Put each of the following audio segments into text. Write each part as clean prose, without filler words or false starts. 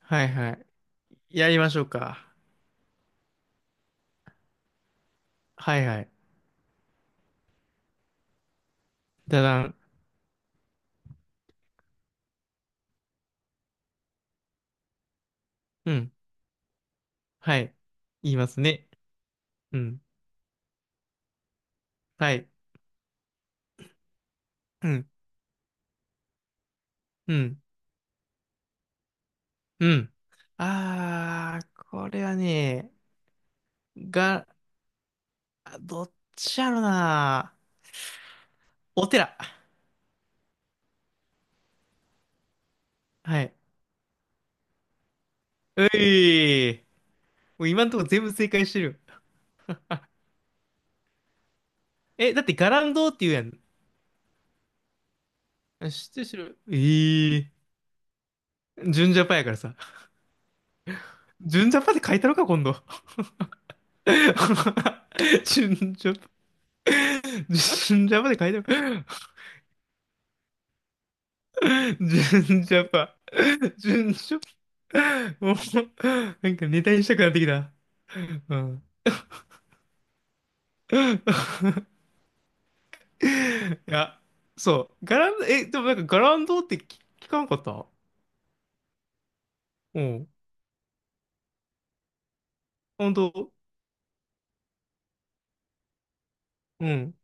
はいはい。やりましょうか。はいはい。だだん。うん。はい。言いますね。うん。はい。うん。うん。うん。あー、これはね、が、あどっちやろな。お寺。はい。ういー。もう今んとこ全部正解してる。え、だってガランドって言うやん。あ、知ってる知ってる。えー。純ジャパやからさ。純ジャパって書いたのか、今度。純ジャパ。純ジャパで書いてある。純ジャパ。純ジャパ。もう、なんかネタにしたくなってきた。うん。いや、そう。ガランド、え、でもなんかガランドって聞かなかった。うん。本当。うん。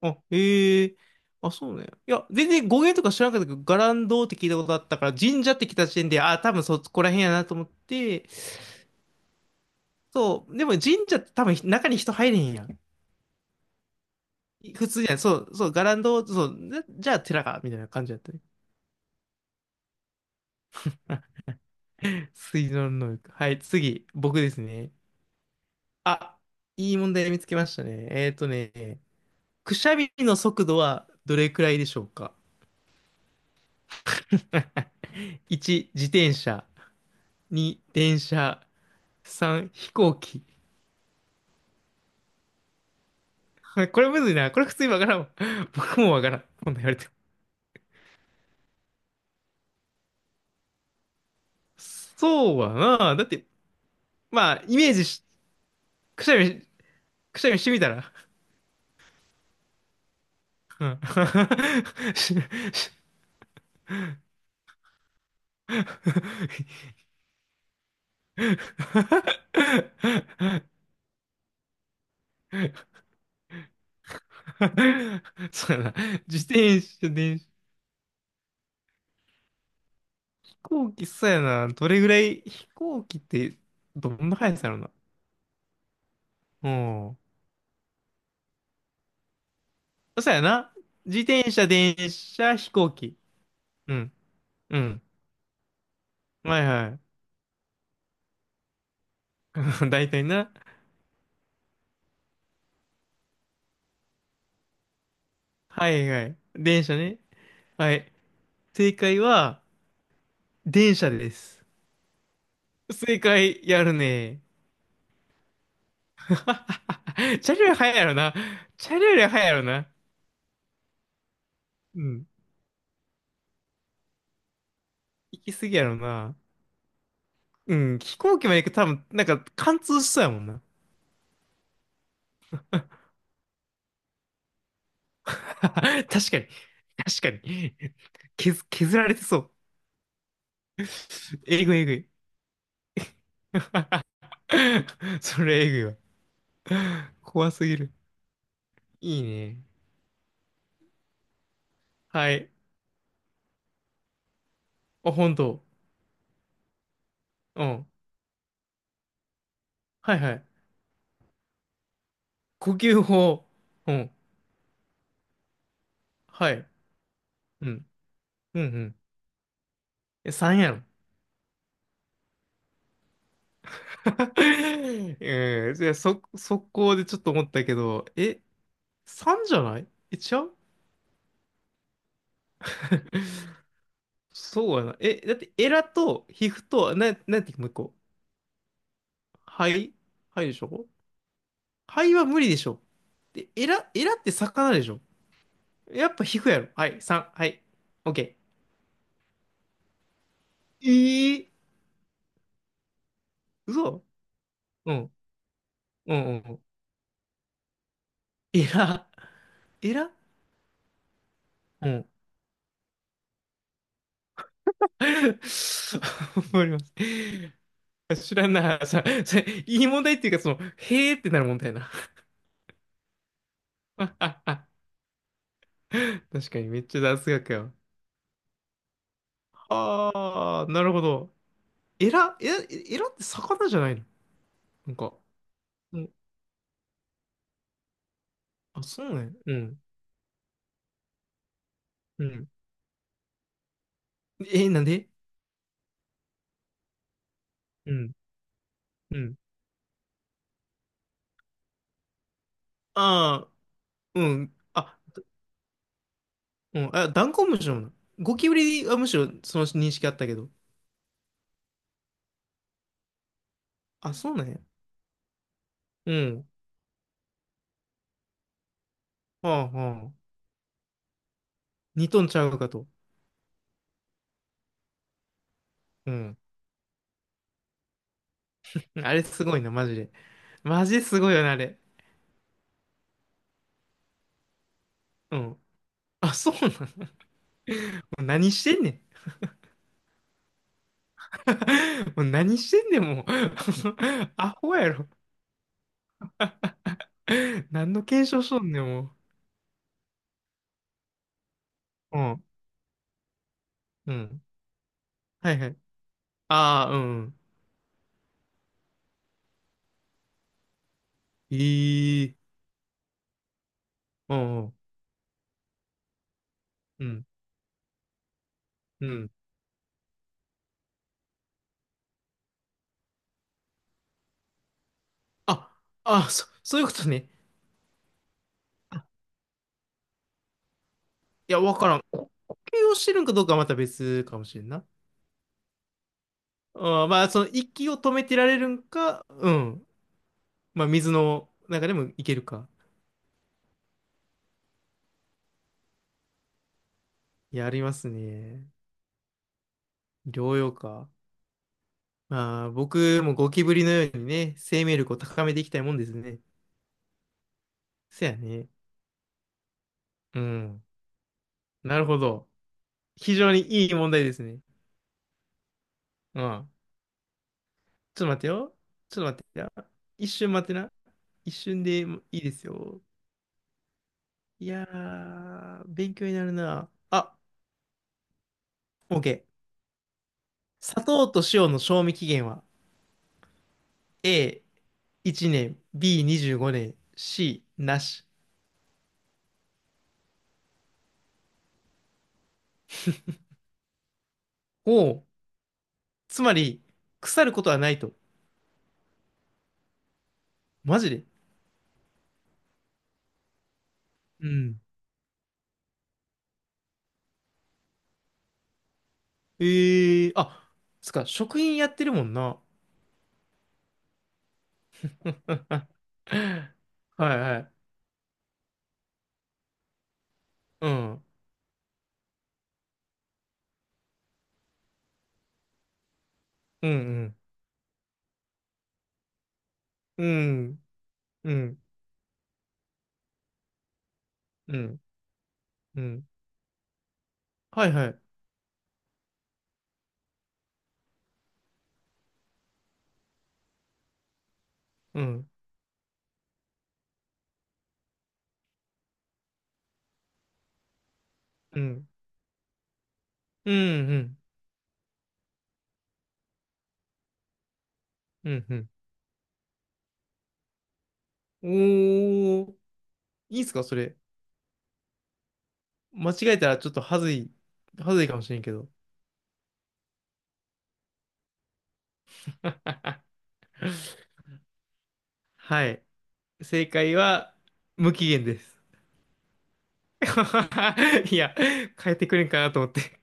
あ、ええ。あ、そうね。いや、全然語源とか知らなかったけど、ガランドって聞いたことあったから、神社って来た時点で、あ、多分そこら辺やなと思って、そう。でも神社って多分中に人入れへんやん。普通じゃない。そう、そう、ガランド、そう、な、じゃあ寺か、みたいな感じだったね。水道の能力。はい、次、僕ですね。あ、いい問題見つけましたね。えっとね、くしゃみの速度はどれくらいでしょうか。1 自転車。2、電車。3、飛行機。これむずいな。これ普通にわからんわ。僕もわからん。今度言われても。そうはな。だって、まあ、イメージし、くしゃみ、くしゃみしてみたら。うん。 そうやな。自転車、電車、飛行機、そうやな。どれぐらい、飛行機って、どんな速さやろな。うん。そうやな。自転車、電車、飛行機。うん。うん。はいはい。大体な。はいはい。電車ね。はい。正解は、電車です。正解、やるね。チャリより速いやろな。チャリより速いやろな。うん。行き過ぎやろな。うん、飛行機まで行くと多分、なんか貫通しそうやもんな。確かに、確かに。削られてそう。えぐい、えぐい。それえぐいわ。怖すぎる。いいね。はい。あ、本当。うん。はいはい。呼吸法。うん。はい。うん。うんうん。え、3やろ。うん。じゃあ、そ、速攻でちょっと思ったけど、え、3じゃない、え、違う。 そうやな。え、だってエラと皮膚と、なんていうかもう一個。肺肺でしょ。肺は無理でしょ。で、エラって魚でしょ。やっぱ皮膚やろ。はい、3、はい、オッケー。ええー、嘘。うん、うん、うん。うん、エラ、エラ、うん。わかります。知らんな。いい問題っていうか、その、へーってなる問題やな。確かにめっちゃ雑学やわ。ああ、なるほど。エラ、エラ、エラって魚じゃないの、なんか。うん。あ、そうね。うん。うん。え、なんで。うん。うん。ああ、うん。あ、うん。あ、ダンコムシなの。ゴキブリはむしろその認識あったけど。あ、そうなんや。うん。はあはあ。二トンちゃうかと。うん。あれすごいな、マジで。マジですごいよな、あれ。うん。あ、そうなの。もう何してんねん。もう何してんねん、もう。アホやろ。何の検証しとんねん、もう。うん。うん。はいはい。ああ、うん。ええ、うんうん。うん。うん。あ、あ、そういうことね。いや、わからん。こ、呼吸をしてるんかどうかはまた別かもしれんな。あー、まあ、その息を止めてられるんか、うん。まあ、水の中でもいけるか。やりますね。療養か。まあ、僕もゴキブリのようにね、生命力を高めていきたいもんですね。そやね。うん。なるほど。非常にいい問題ですね。うん。ちょっと待ってよ。ちょっと待ってよ。一瞬待ってな。一瞬でいいですよ。いやー、勉強になるな。あ、OK。砂糖と塩の賞味期限は、 A1 年、B25 年、C なし。おお、つまり、腐ることはないと。マジで。うん。えー、あ、つか、食品やってるもんな。はいはい。うん。うんうん。うん。うん。うん。うん。はいはい。うん、うん、うん、うん、うん、うん。おー、いいっすか、それ。間違えたらちょっとはずい、はずいかもしれんけど。はい。正解は、無期限です。いや、変えてくれんかなと思って。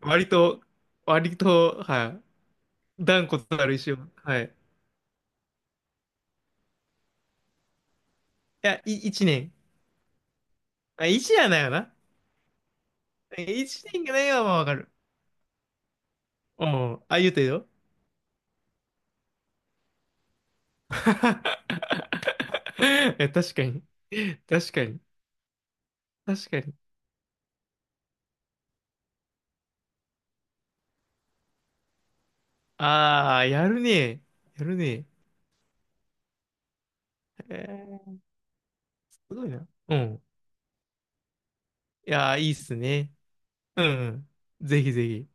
割と、割と、はい。断固たる意志を。はい。いや、い、一年。あ、一じゃないよな。え、一年がないは、まあわかる。うん。あ、言うたよ。いや、確かに。確かに。確かに。ああ、やるね。やるね。えー、すごいな。うん。いやー、いいっすね。うん、うん。ぜひぜひ。